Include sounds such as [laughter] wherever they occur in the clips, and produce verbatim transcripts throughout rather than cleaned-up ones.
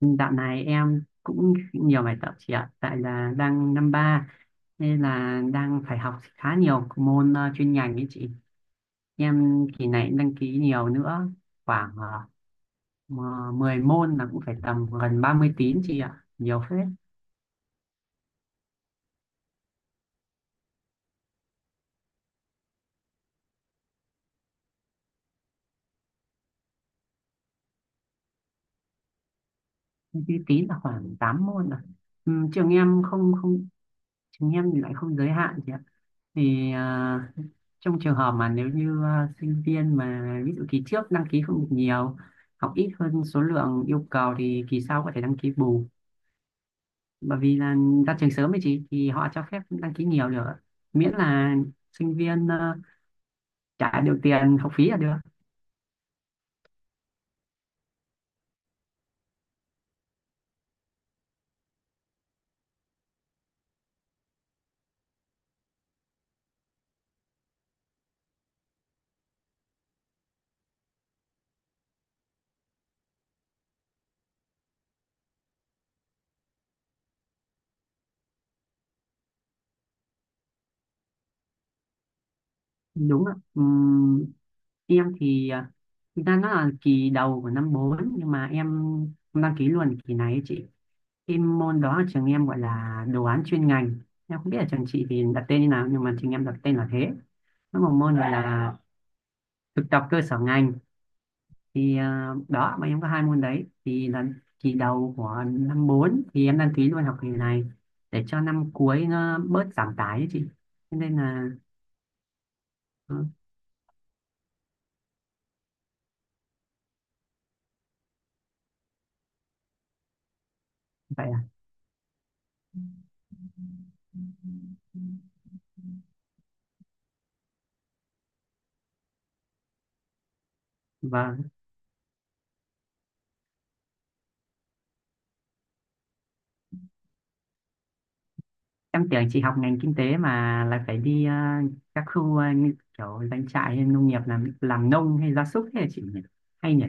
Dạo này em cũng nhiều bài tập chị ạ, tại là đang năm ba nên là đang phải học khá nhiều môn ờ, chuyên ngành ấy chị. Em kỳ này cũng đăng ký nhiều nữa, khoảng uh, mười môn, là cũng phải tầm gần ba mươi tín chị ạ, nhiều phết. ba mươi tín là khoảng tám môn rồi. Ừm, trường em không không Trường em thì lại không giới hạn chị ạ. thì à, Trong trường hợp mà nếu như à, sinh viên mà ví dụ kỳ trước đăng ký không được nhiều, học ít hơn số lượng yêu cầu thì kỳ sau có thể đăng ký bù, bởi vì là ra trường sớm ấy chị, thì họ cho phép đăng ký nhiều được, miễn là sinh viên à, trả được tiền học phí là được. Đúng ạ. Ừm, em thì à, thực ra nó là kỳ đầu của năm bốn nhưng mà em đăng ký luôn kỳ này ấy chị. Cái môn đó ở trường em gọi là đồ án chuyên ngành, em không biết ở trường chị thì đặt tên như nào nhưng mà trường em đặt tên là thế. Nó một môn gọi là thực tập cơ sở ngành, thì ờ, đó, bọn em có hai môn đấy thì là kỳ đầu của năm bốn thì em đăng ký luôn học kỳ này để cho năm cuối nó bớt giảm tải ấy chị, cho nên là. ờ, Vậy à. Vâng. Em tưởng chị học ngành kinh tế mà lại phải đi ờ, các khu ờ, như kiểu doanh trại hay nông nghiệp, làm làm nông hay gia súc thế là chị nhỉ, hay nhỉ.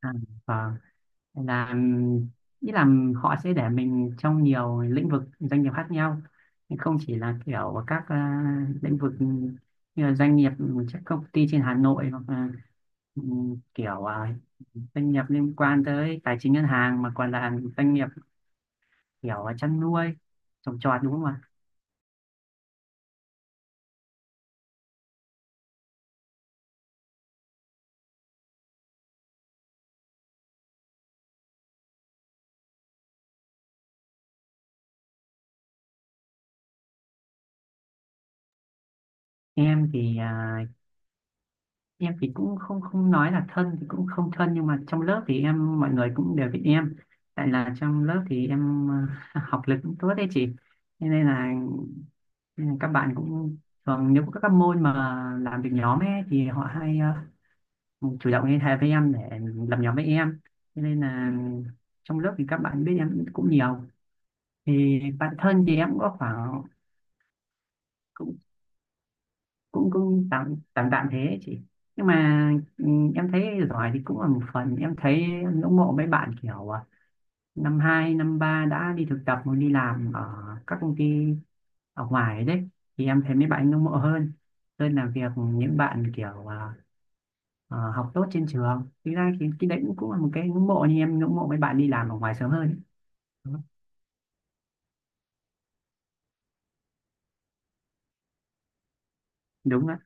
à, vâng. Nên là nghĩ là họ sẽ để mình trong nhiều lĩnh vực doanh nghiệp khác nhau, không chỉ là kiểu các à, lĩnh vực như là doanh nghiệp, các công ty trên Hà Nội, hoặc là ừ, kiểu à, doanh nghiệp liên quan tới tài chính ngân hàng mà còn là doanh nghiệp kiểu chăn nuôi trồng trọt, đúng không ạ. Em thì à, em thì cũng không không nói là thân thì cũng không thân, nhưng mà trong lớp thì em mọi người cũng đều biết em, tại là trong lớp thì em [laughs] học lực cũng tốt đấy chị. Thế nên là nên là các bạn cũng thường, nếu có các môn mà làm việc nhóm ấy thì họ hay ờ, chủ động liên hệ với em để làm nhóm với em. Thế nên là trong lớp thì các bạn biết em cũng nhiều, thì bạn thân thì em có khoảng, cũng cũng cũng tạm tạm tạm thế ấy chị. Nhưng mà ừ, em thấy giỏi thì cũng là một phần, em thấy em ngưỡng mộ mấy bạn kiểu à, năm hai năm ba đã đi thực tập hoặc đi làm ở các công ty ở ngoài đấy, thì em thấy mấy bạn ngưỡng mộ hơn, hơn là việc những bạn kiểu à, ờ, học tốt trên trường. Thực ra thì cái đấy cũng cũng là một cái ngưỡng mộ, nhưng em ngưỡng mộ mấy bạn đi làm ở ngoài sớm hơn. Đúng ạ.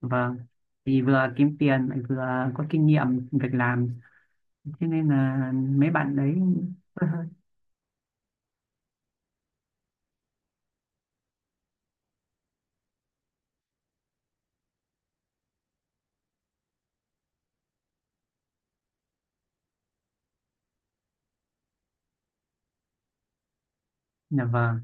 Vâng, thì vừa kiếm tiền lại vừa có kinh nghiệm việc làm, cho nên là mấy bạn đấy là. Vâng.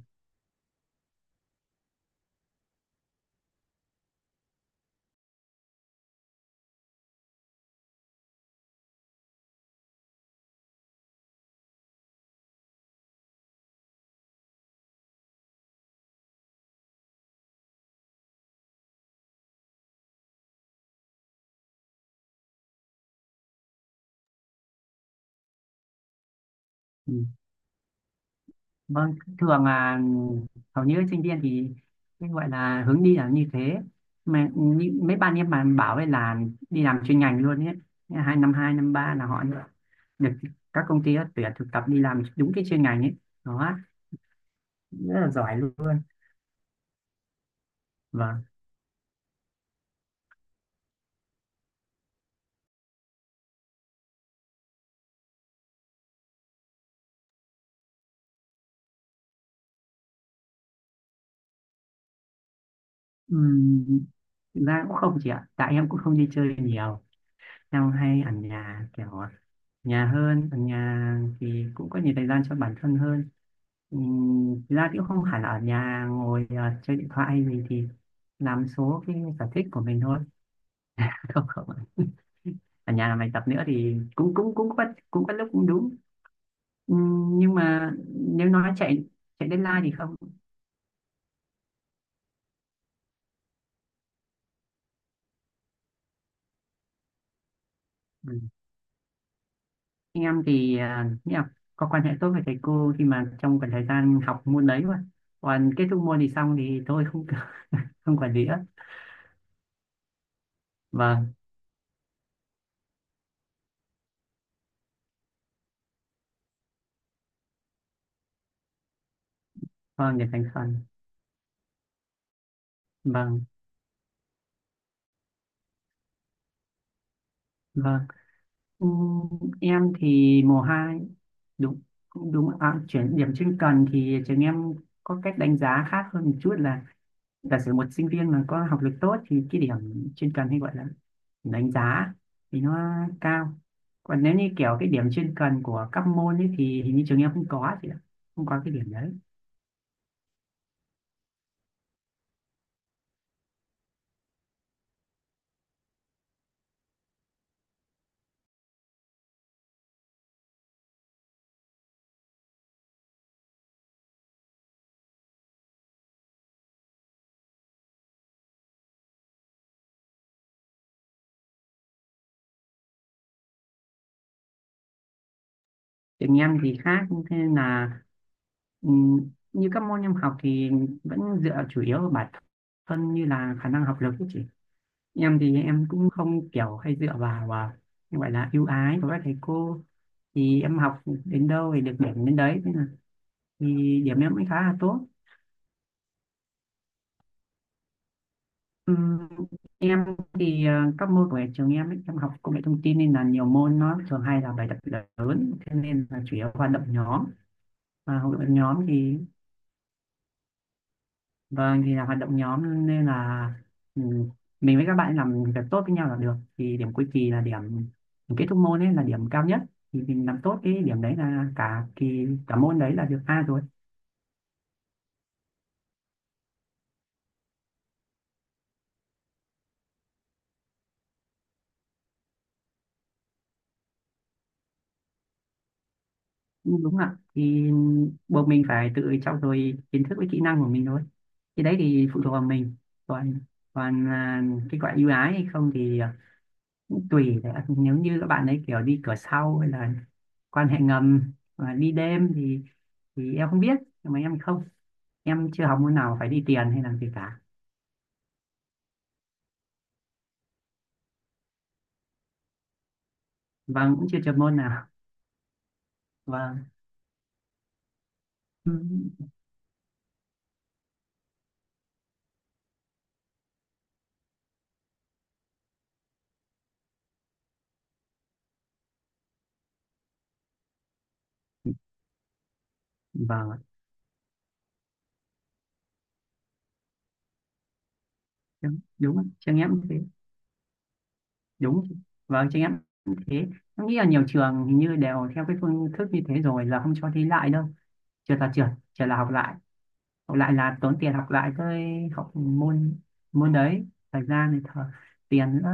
Ừ. Vâng, thường là hầu như sinh viên thì cái gọi là hướng đi là như thế, mà như, mấy bạn em mà bảo ấy là đi làm chuyên ngành luôn ấy, hai năm hai năm ba là họ được được các công ty tuyển thực tập đi làm đúng cái chuyên ngành ấy, đó rất là giỏi luôn. Vâng. Ừm, Thực ra cũng không chị ạ, tại em cũng không đi chơi nhiều, em hay ở nhà, kiểu nhà hơn, ở nhà thì cũng có nhiều thời gian cho bản thân hơn. Ừm, thực ra thì cũng không hẳn là ở nhà ngồi ờ, chơi điện thoại hay gì, thì làm số cái sở thích của mình thôi. [laughs] không không ở nhà làm bài tập nữa thì cũng cũng cũng có, cũng có lúc cũng đúng. Ừm, nhưng mà nếu nói chạy, chạy deadline thì không. Ừ. Anh em thì à, nghĩ là có quan hệ tốt với thầy cô khi mà trong khoảng thời gian học môn đấy, mà còn kết thúc môn thì xong thì thôi, không [laughs] không quản lý nữa. Vâng. Vâng, để thành phần. Vâng. Vâng. Ừm, em thì mùa hai, đúng, đúng, à, chuyển điểm chuyên cần thì trường em có cách đánh giá khác hơn một chút là giả sử một sinh viên mà có học lực tốt thì cái điểm chuyên cần hay gọi là điểm đánh giá thì nó cao, còn nếu như kiểu cái điểm chuyên cần của các môn ấy thì hình như trường em không có chị ạ, không có cái điểm đấy. Trường em thì khác, thế nên là ừm, như các môn em học thì vẫn dựa chủ yếu vào bản thân, như là khả năng học lực ấy chị. Em thì em cũng không kiểu hay dựa vào à, như gọi là ưu ái của các thầy cô, thì em học đến đâu thì được điểm đến đấy, thế là thì điểm em cũng khá là tốt. Ừm, em thì ờ, các môn của trường em ấy, em học công nghệ thông tin nên là nhiều môn nó thường hay là bài tập lớn, thế nên là chủ yếu hoạt động nhóm, và hoạt động nhóm thì. Vâng, thì là hoạt động nhóm nên là ừ, mình với các bạn làm việc tốt với nhau là được. Thì điểm cuối kỳ là điểm, điểm kết thúc môn ấy là điểm cao nhất. Thì mình làm tốt cái điểm đấy là cả kỳ cả môn đấy là được A rồi. Ừ. Đúng ạ. Thì buộc mình phải tự trau dồi kiến thức với kỹ năng của mình thôi. Cái đấy thì phụ thuộc vào mình. Còn còn à, cái gọi ưu ái hay không thì à, tùy đấy, nếu như các bạn ấy kiểu đi cửa sau hay là quan hệ ngầm và đi đêm thì thì em không biết, nhưng mà em không, em chưa học môn nào phải đi tiền hay làm gì cả. Vâng, cũng chưa chọn môn nào. Vâng. Ừ. Vâng. Đúng, đúng ạ. Trường em cũng thế. Đúng. Vâng, trường em cũng thế. Em nghĩ là nhiều trường hình như đều theo cái phương thức như thế rồi, là không cho thi lại đâu, trượt là trượt, trượt là học lại, học lại là tốn tiền học lại cái học môn môn đấy, thời gian này thờ, tiền nữa.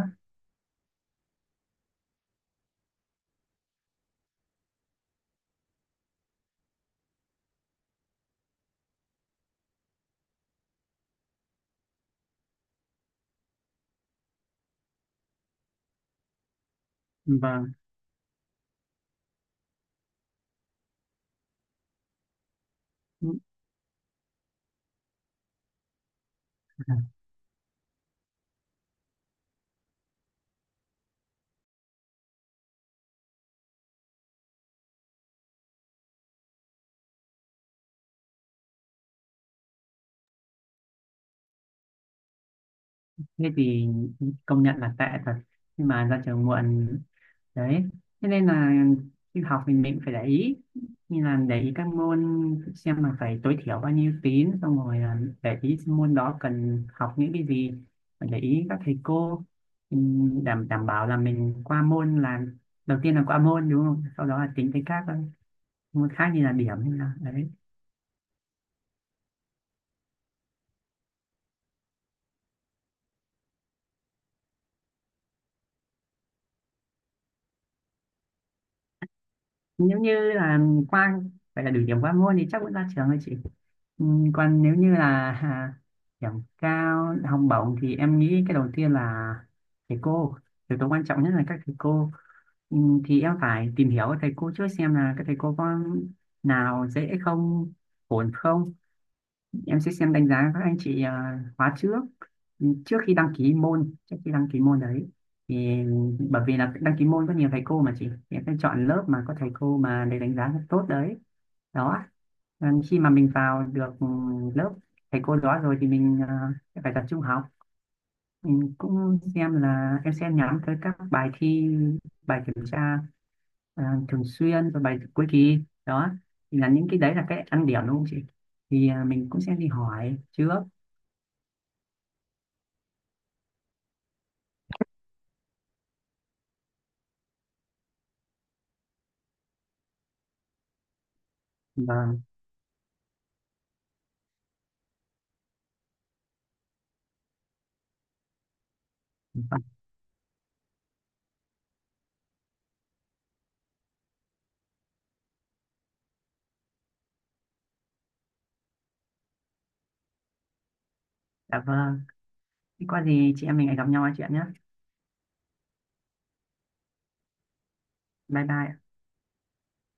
Vâng, thế thì công nhận là tệ thật, nhưng mà ra trường muộn đấy, thế nên là khi học thì mình phải để ý, như là để ý các môn, xem là phải tối thiểu bao nhiêu tín, xong rồi là để ý môn đó cần học những cái gì, phải để ý các thầy cô. Ừm, đảm đảm bảo là mình qua môn là đầu tiên, là qua môn đúng không, sau đó là tính tới các ờ, môn khác như là điểm hay là đấy. Nếu như là qua, phải là đủ điểm qua môn thì chắc vẫn ra trường thôi chị. Ừ, còn nếu như là à, điểm cao học bổng thì em nghĩ cái đầu tiên là thầy cô, yếu tố quan trọng nhất là các thầy cô. Ừ, thì em phải tìm hiểu các thầy cô trước, xem là các thầy cô có nào dễ không, ổn không. Em sẽ xem đánh giá các anh chị à, khóa trước, trước khi đăng ký môn trước khi đăng ký môn đấy, thì bởi vì là đăng ký môn có nhiều thầy cô mà chị, thì em sẽ chọn lớp mà có thầy cô mà để đánh giá tốt đấy, đó. Ừ, khi mà mình vào được ừ, lớp thầy cô đó rồi thì mình à, sẽ phải tập trung học. Mình cũng xem, là em sẽ nhắm tới các bài thi, bài kiểm tra à, thường xuyên và bài cuối kỳ, đó thì là những cái đấy là cái ăn điểm đúng không chị, thì à, mình cũng sẽ đi hỏi trước và. Vâng, dạ vâng. Thế có gì chị em mình lại gặp nhau nói chuyện nhé. Bye bye ạ.